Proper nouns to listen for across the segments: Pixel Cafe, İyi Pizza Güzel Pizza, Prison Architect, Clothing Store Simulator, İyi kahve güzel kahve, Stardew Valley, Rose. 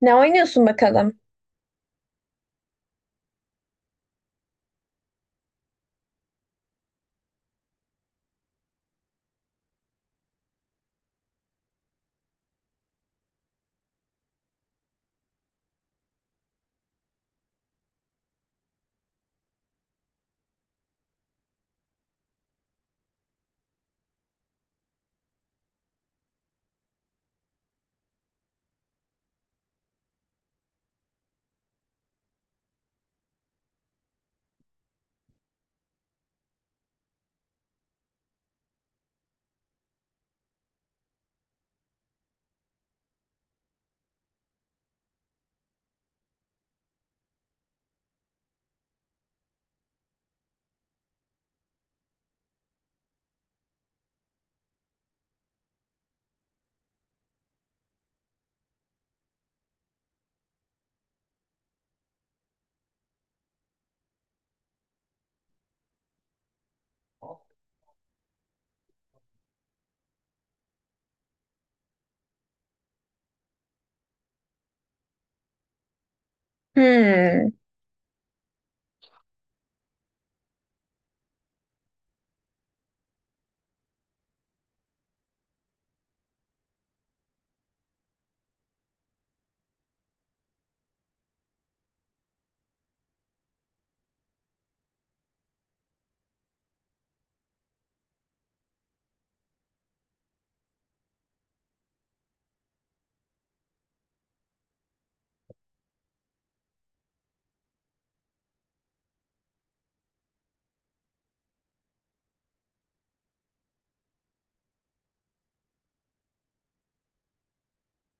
Ne oynuyorsun bakalım? Hmm,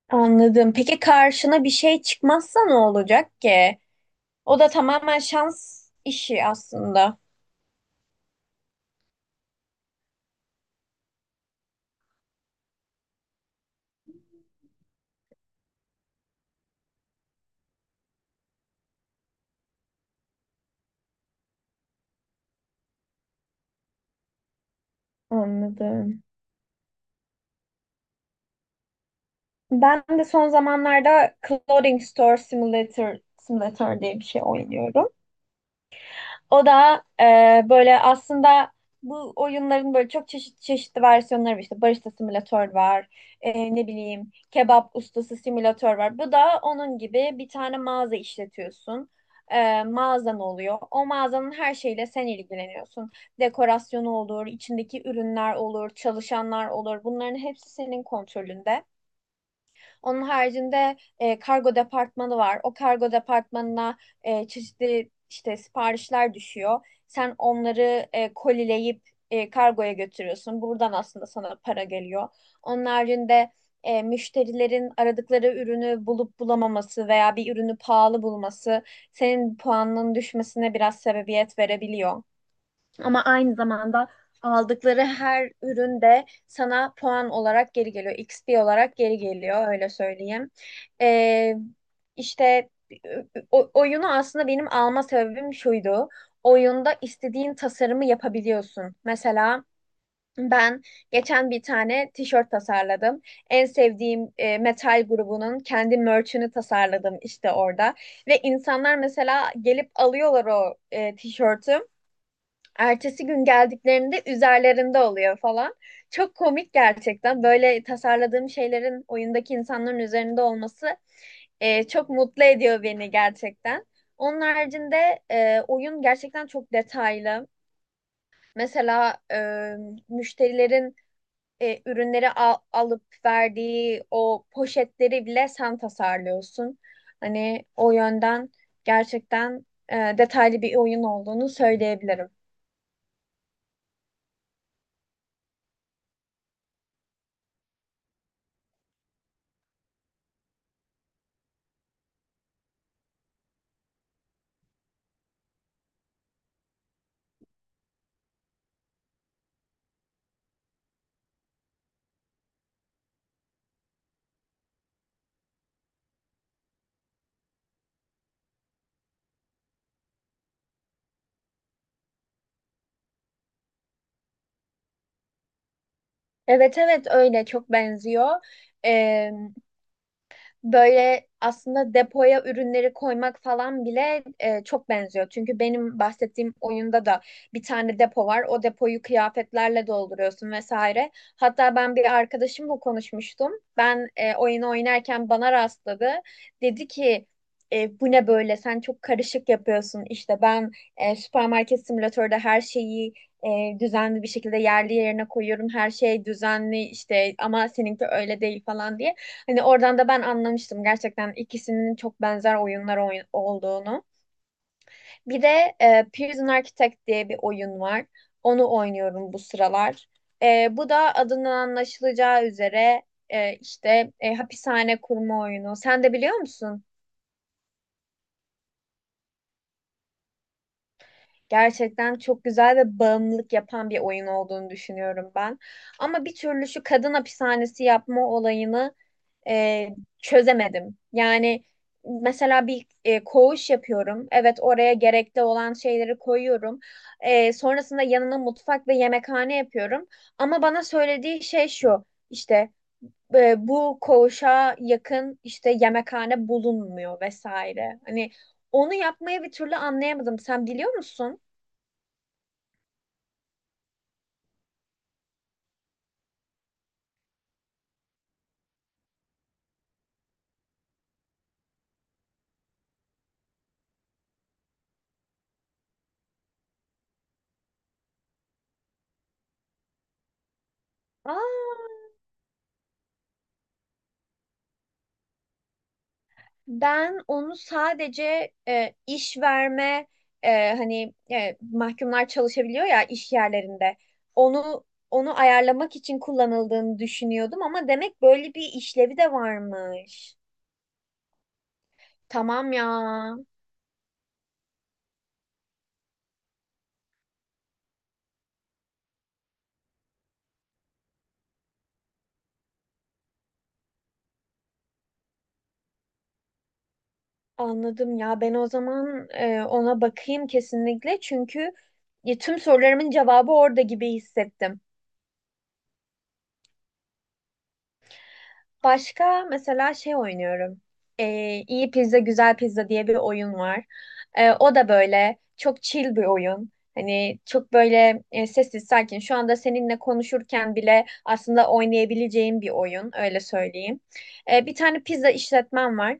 anladım. Peki karşına bir şey çıkmazsa ne olacak ki? O da tamamen şans işi aslında. Anladım. Ben de son zamanlarda Clothing Store Simulator Simulator diye bir şey oynuyorum. O da böyle aslında bu oyunların böyle çok çeşitli versiyonları var. İşte barista simülatör var. Ne bileyim kebap ustası simülatör var. Bu da onun gibi bir tane mağaza işletiyorsun. Mağazan oluyor. O mağazanın her şeyle sen ilgileniyorsun. Dekorasyonu olur, içindeki ürünler olur, çalışanlar olur. Bunların hepsi senin kontrolünde. Onun haricinde kargo departmanı var. O kargo departmanına çeşitli işte siparişler düşüyor. Sen onları kolileyip kargoya götürüyorsun. Buradan aslında sana para geliyor. Onun haricinde müşterilerin aradıkları ürünü bulup bulamaması veya bir ürünü pahalı bulması senin puanının düşmesine biraz sebebiyet verebiliyor. Ama aynı zamanda aldıkları her ürün de sana puan olarak geri geliyor. XP olarak geri geliyor öyle söyleyeyim. Ee, işte oyunu aslında benim alma sebebim şuydu. Oyunda istediğin tasarımı yapabiliyorsun. Mesela ben geçen bir tane tişört tasarladım. En sevdiğim metal grubunun kendi merch'ünü tasarladım işte orada. Ve insanlar mesela gelip alıyorlar o tişörtü. Ertesi gün geldiklerinde üzerlerinde oluyor falan. Çok komik gerçekten. Böyle tasarladığım şeylerin oyundaki insanların üzerinde olması çok mutlu ediyor beni gerçekten. Onun haricinde oyun gerçekten çok detaylı. Mesela müşterilerin ürünleri alıp verdiği o poşetleri bile sen tasarlıyorsun. Hani o yönden gerçekten detaylı bir oyun olduğunu söyleyebilirim. Evet, evet öyle çok benziyor. Böyle aslında depoya ürünleri koymak falan bile çok benziyor. Çünkü benim bahsettiğim oyunda da bir tane depo var. O depoyu kıyafetlerle dolduruyorsun vesaire. Hatta ben bir arkadaşımla konuşmuştum. Ben oyunu oynarken bana rastladı. Dedi ki "Bu ne böyle? Sen çok karışık yapıyorsun. İşte ben süpermarket simülatörde her şeyi düzenli bir şekilde yerli yerine koyuyorum. Her şey düzenli işte ama seninki öyle değil falan" diye. Hani oradan da ben anlamıştım gerçekten ikisinin çok benzer oyunlar olduğunu. Bir de Prison Architect diye bir oyun var. Onu oynuyorum bu sıralar. Bu da adından anlaşılacağı üzere işte hapishane kurma oyunu. Sen de biliyor musun? Gerçekten çok güzel ve bağımlılık yapan bir oyun olduğunu düşünüyorum ben. Ama bir türlü şu kadın hapishanesi yapma olayını e, çözemedim. Yani mesela bir koğuş yapıyorum. Evet, oraya gerekli olan şeyleri koyuyorum. Sonrasında yanına mutfak ve yemekhane yapıyorum. Ama bana söylediği şey şu işte bu koğuşa yakın işte yemekhane bulunmuyor vesaire. Hani onu yapmayı bir türlü anlayamadım. Sen biliyor musun? Aa. Ben onu sadece iş verme hani mahkumlar çalışabiliyor ya iş yerlerinde. Onu onu ayarlamak için kullanıldığını düşünüyordum ama demek böyle bir işlevi de varmış. Tamam ya. Anladım ya. Ben o zaman ona bakayım kesinlikle çünkü ya, tüm sorularımın cevabı orada gibi hissettim. Başka mesela şey oynuyorum. İyi Pizza Güzel Pizza diye bir oyun var. O da böyle çok chill bir oyun. Hani çok böyle sessiz sakin. Şu anda seninle konuşurken bile aslında oynayabileceğim bir oyun öyle söyleyeyim. Bir tane pizza işletmem var,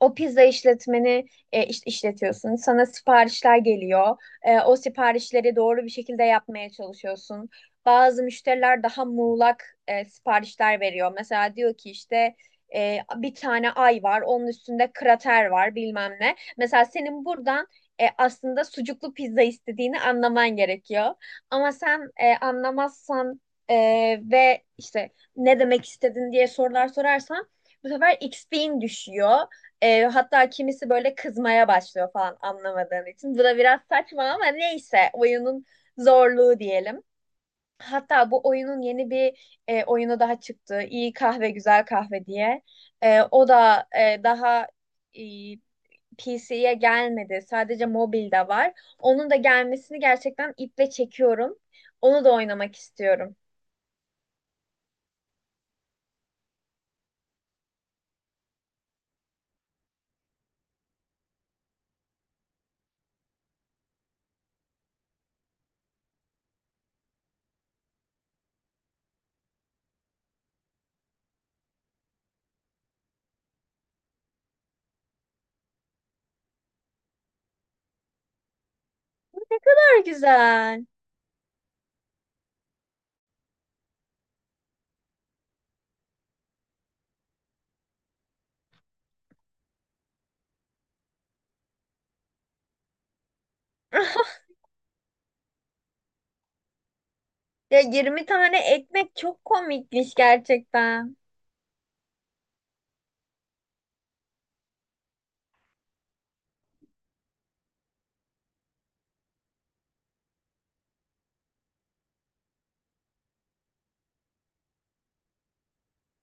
o pizza işletmeni işletiyorsun. Sana siparişler geliyor. O siparişleri doğru bir şekilde yapmaya çalışıyorsun. Bazı müşteriler daha muğlak siparişler veriyor. Mesela diyor ki işte bir tane ay var, onun üstünde krater var bilmem ne. Mesela senin buradan aslında sucuklu pizza istediğini anlaman gerekiyor. Ama sen anlamazsan e, ve işte ne demek istedin diye sorular sorarsan bu sefer XP'in düşüyor. Hatta kimisi böyle kızmaya başlıyor falan anlamadığın için. Bu da biraz saçma ama neyse oyunun zorluğu diyelim. Hatta bu oyunun yeni bir oyunu daha çıktı. İyi kahve güzel kahve diye. O da daha e, PC'ye gelmedi. Sadece mobilde var. Onun da gelmesini gerçekten iple çekiyorum. Onu da oynamak istiyorum. Ne kadar güzel. Ya, 20 tane ekmek çok komikmiş gerçekten.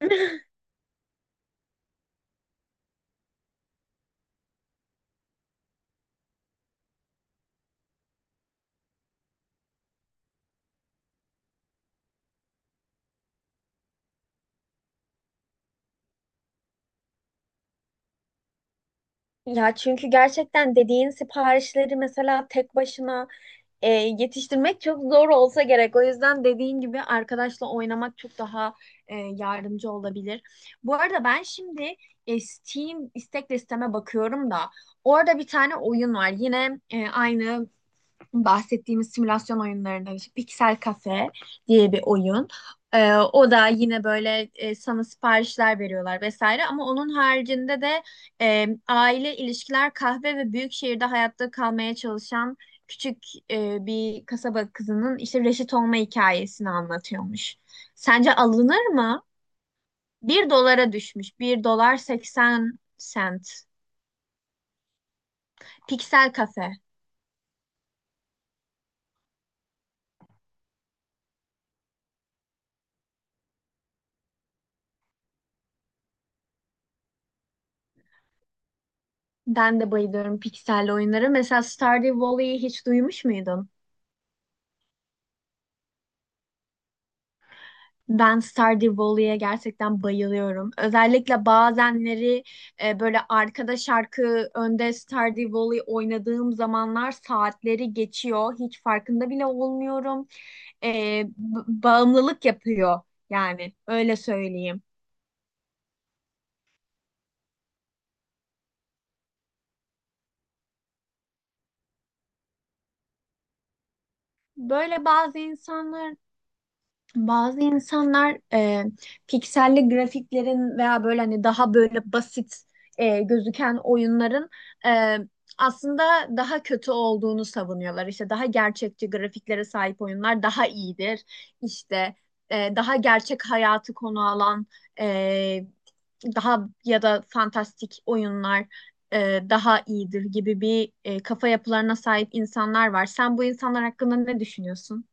Ya çünkü gerçekten dediğin siparişleri mesela tek başına yetiştirmek çok zor olsa gerek. O yüzden dediğin gibi arkadaşla oynamak çok daha yardımcı olabilir. Bu arada ben şimdi Steam istek listeme bakıyorum da orada bir tane oyun var. Yine aynı bahsettiğimiz simülasyon oyunlarından işte Pixel Cafe diye bir oyun. O da yine böyle sana siparişler veriyorlar vesaire ama onun haricinde de aile ilişkiler, kahve ve büyük şehirde hayatta kalmaya çalışan küçük bir kasaba kızının işte reşit olma hikayesini anlatıyormuş. Sence alınır mı? Bir dolara düşmüş. Bir dolar 80 sent. Pixel Cafe. Ben de bayılıyorum pikselli oyunlara. Mesela Stardew Valley'i hiç duymuş muydun? Ben Stardew Valley'e gerçekten bayılıyorum. Özellikle bazenleri böyle arkada şarkı önde Stardew Valley oynadığım zamanlar saatleri geçiyor. Hiç farkında bile olmuyorum. E, bağımlılık yapıyor yani öyle söyleyeyim. Böyle bazı insanlar Bazı insanlar pikselli grafiklerin veya böyle hani daha böyle basit gözüken oyunların e, aslında daha kötü olduğunu savunuyorlar. İşte daha gerçekçi grafiklere sahip oyunlar daha iyidir. İşte daha gerçek hayatı konu alan e, daha ya da fantastik oyunlar daha iyidir gibi bir kafa yapılarına sahip insanlar var. Sen bu insanlar hakkında ne düşünüyorsun?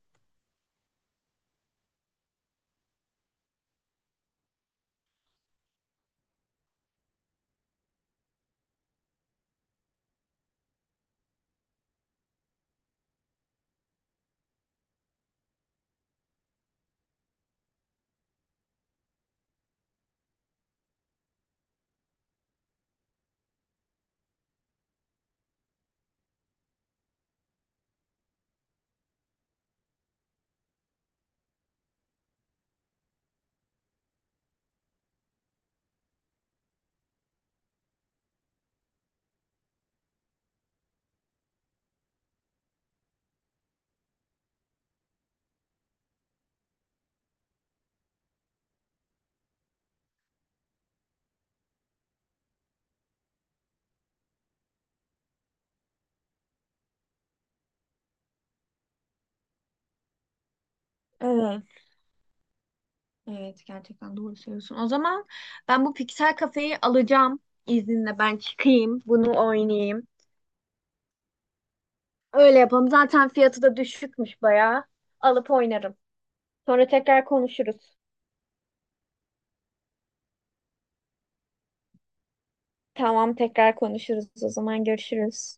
Evet. Evet, gerçekten doğru söylüyorsun. O zaman ben bu Pixel Kafe'yi alacağım, izninle ben çıkayım bunu oynayayım. Öyle yapalım. Zaten fiyatı da düşükmüş bayağı. Alıp oynarım. Sonra tekrar konuşuruz. Tamam, tekrar konuşuruz. O zaman görüşürüz.